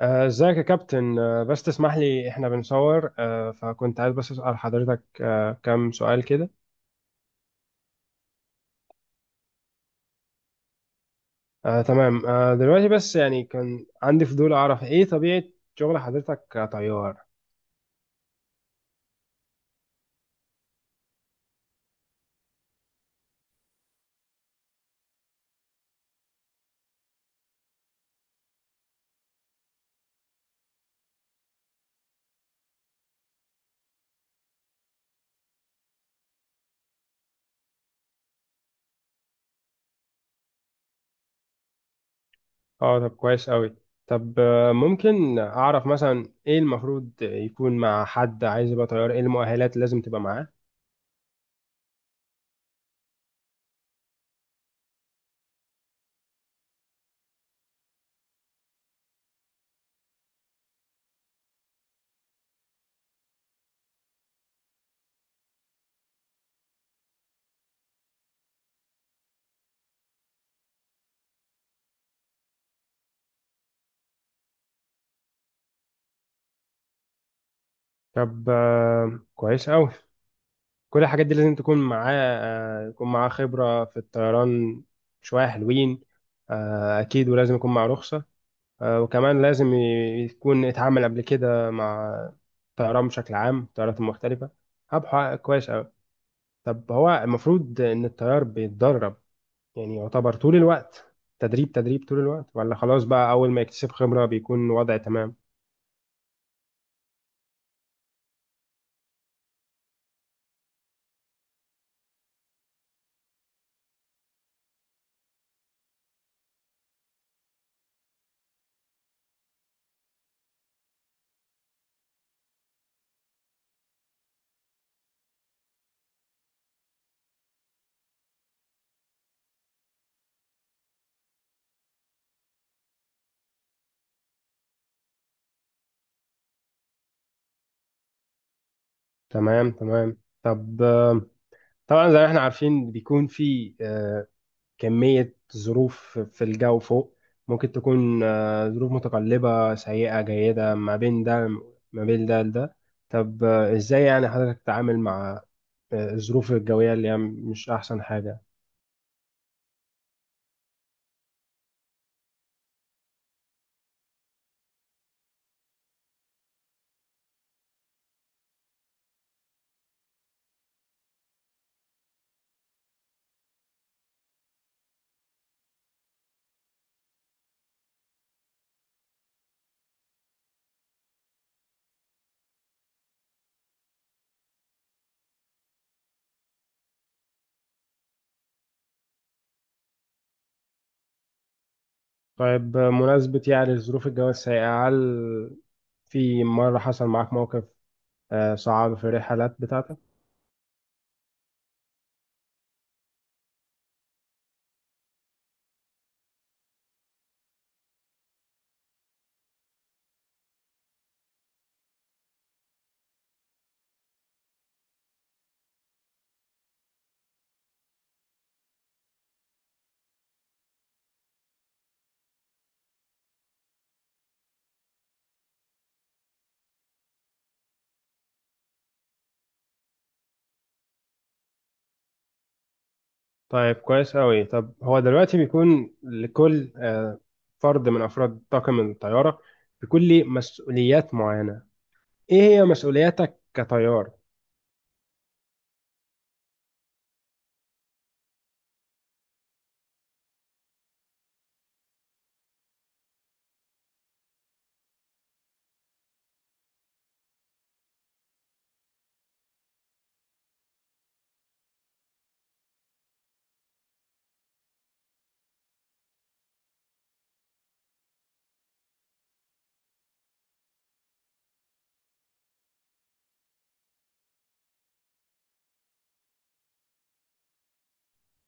ازيك يا كابتن، بس تسمح لي احنا بنصور، فكنت عايز بس اسال حضرتك كام سؤال كده. تمام. دلوقتي بس يعني كان عندي فضول اعرف ايه طبيعه شغل حضرتك كطيار. اه طب كويس قوي. طب ممكن اعرف مثلا ايه المفروض يكون مع حد عايز يبقى طيار، ايه المؤهلات اللي لازم تبقى معاه؟ طب كويس قوي. كل الحاجات دي لازم تكون معاه، يكون معاه خبره في الطيران، شويه حلوين. اكيد، ولازم يكون معاه رخصه، وكمان لازم يكون اتعامل قبل كده مع الطيران بشكل عام، الطيارات المختلفة. هبحث كويس أوي. طب هو المفروض إن الطيار بيتدرب، يعني يعتبر طول الوقت تدريب، تدريب طول الوقت، ولا خلاص بقى أول ما يكتسب خبرة بيكون وضع تمام؟ تمام تمام. طب طبعا زي ما احنا عارفين بيكون في كمية ظروف في الجو فوق، ممكن تكون ظروف متقلبة، سيئة، جيدة، ما بين ده لده. طب ازاي يعني حضرتك تتعامل مع الظروف الجوية اللي هي مش أحسن حاجة؟ طيب مناسبة، يعني الظروف الجوية السيئة، هل في مرة حصل معاك موقف صعب في الرحلات بتاعتك؟ طيب كويس أوي. طب هو دلوقتي بيكون لكل فرد من أفراد طاقم الطيارة بيكون ليه مسؤوليات معينة، ايه هي مسؤولياتك كطيار؟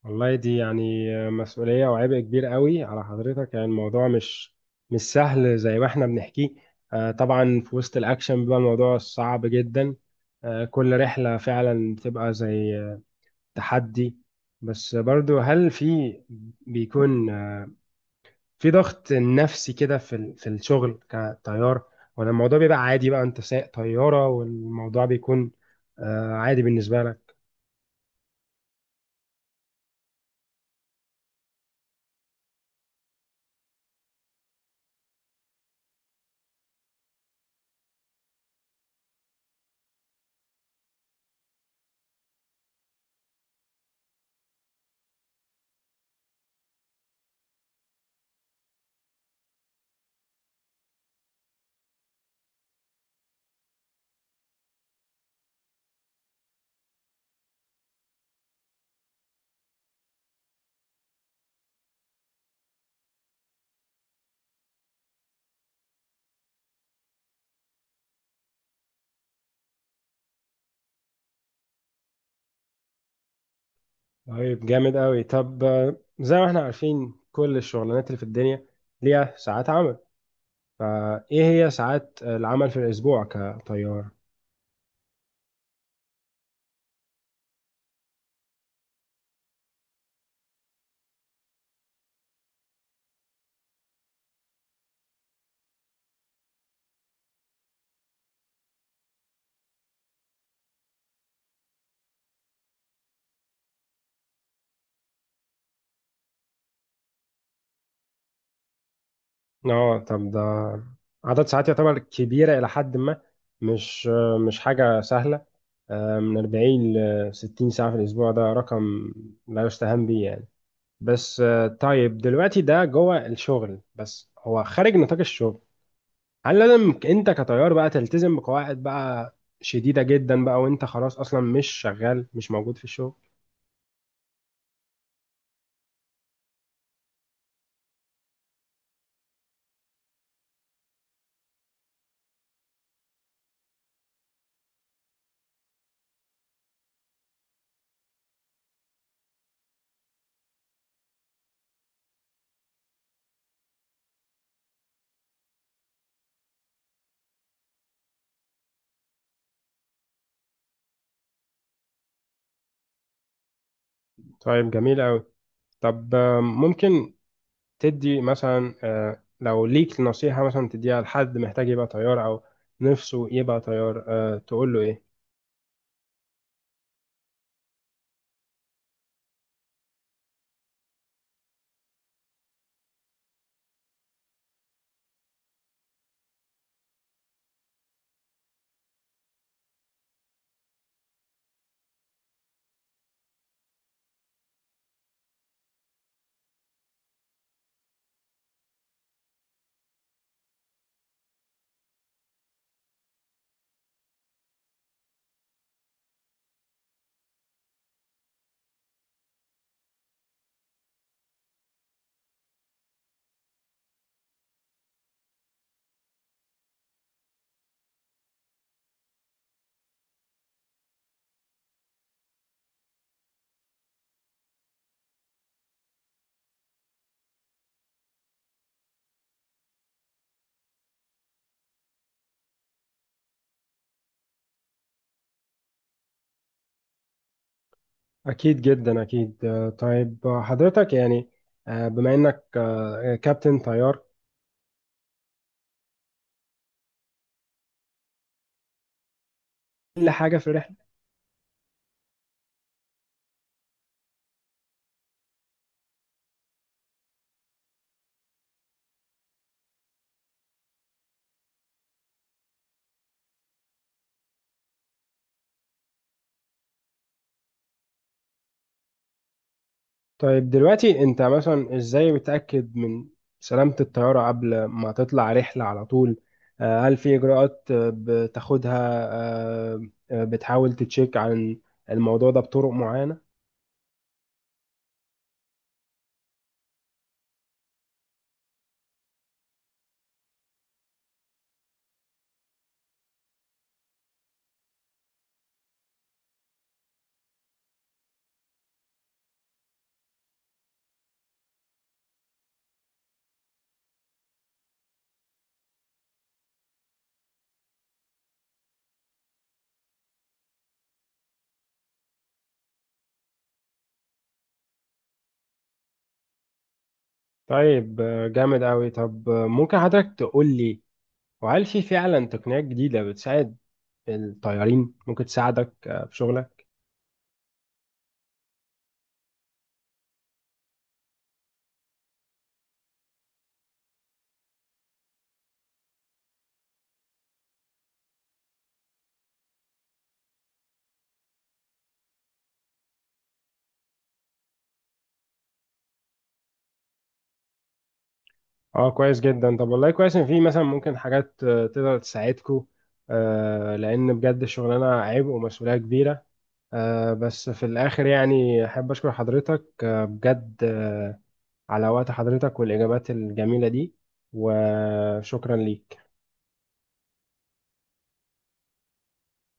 والله دي يعني مسؤولية وعبء كبير قوي على حضرتك، يعني الموضوع مش سهل زي ما احنا بنحكيه. طبعا في وسط الاكشن بيبقى الموضوع صعب جدا. كل رحلة فعلا بتبقى زي تحدي. بس برضو هل في، بيكون في ضغط نفسي كده في في الشغل كطيار، ولا الموضوع بيبقى عادي، بقى انت سايق طيارة والموضوع بيكون عادي بالنسبة لك؟ طيب جامد قوي. طب زي ما احنا عارفين، كل الشغلانات اللي في الدنيا ليها ساعات عمل، فايه هي ساعات العمل في الاسبوع كطيار؟ اه طب ده عدد ساعات يعتبر كبيرة الى حد ما، مش مش حاجة سهلة. من 40 ل 60 ساعة في الاسبوع، ده رقم لا يستهان به يعني. بس طيب دلوقتي ده جوه الشغل، بس هو خارج نطاق الشغل هل لازم انت كطيار بقى تلتزم بقواعد بقى شديدة جدا بقى وانت خلاص اصلا مش شغال، مش موجود في الشغل؟ طيب جميل قوي. طب ممكن تدي مثلا، لو ليك نصيحة مثلا تديها لحد محتاج يبقى طيار او نفسه يبقى طيار، تقول له ايه؟ اكيد جدا، اكيد. طيب حضرتك يعني بما انك كابتن طيار كل حاجة في. طيب دلوقتي انت مثلا ازاي بتأكد من سلامة الطيارة قبل ما تطلع رحلة على طول؟ هل في اجراءات بتاخدها، بتحاول تتشيك عن الموضوع ده بطرق معينة؟ طيب جامد قوي. طب ممكن حضرتك تقول لي وهل في فعلا تقنيات جديدة بتساعد الطيارين، ممكن تساعدك في شغلك؟ اه كويس جدا. طب والله كويس ان في مثلا ممكن حاجات تقدر تساعدكم، لان بجد الشغلانة عبء ومسؤولية كبيرة. بس في الآخر يعني أحب أشكر حضرتك بجد على وقت حضرتك والإجابات الجميلة دي، وشكرا ليك.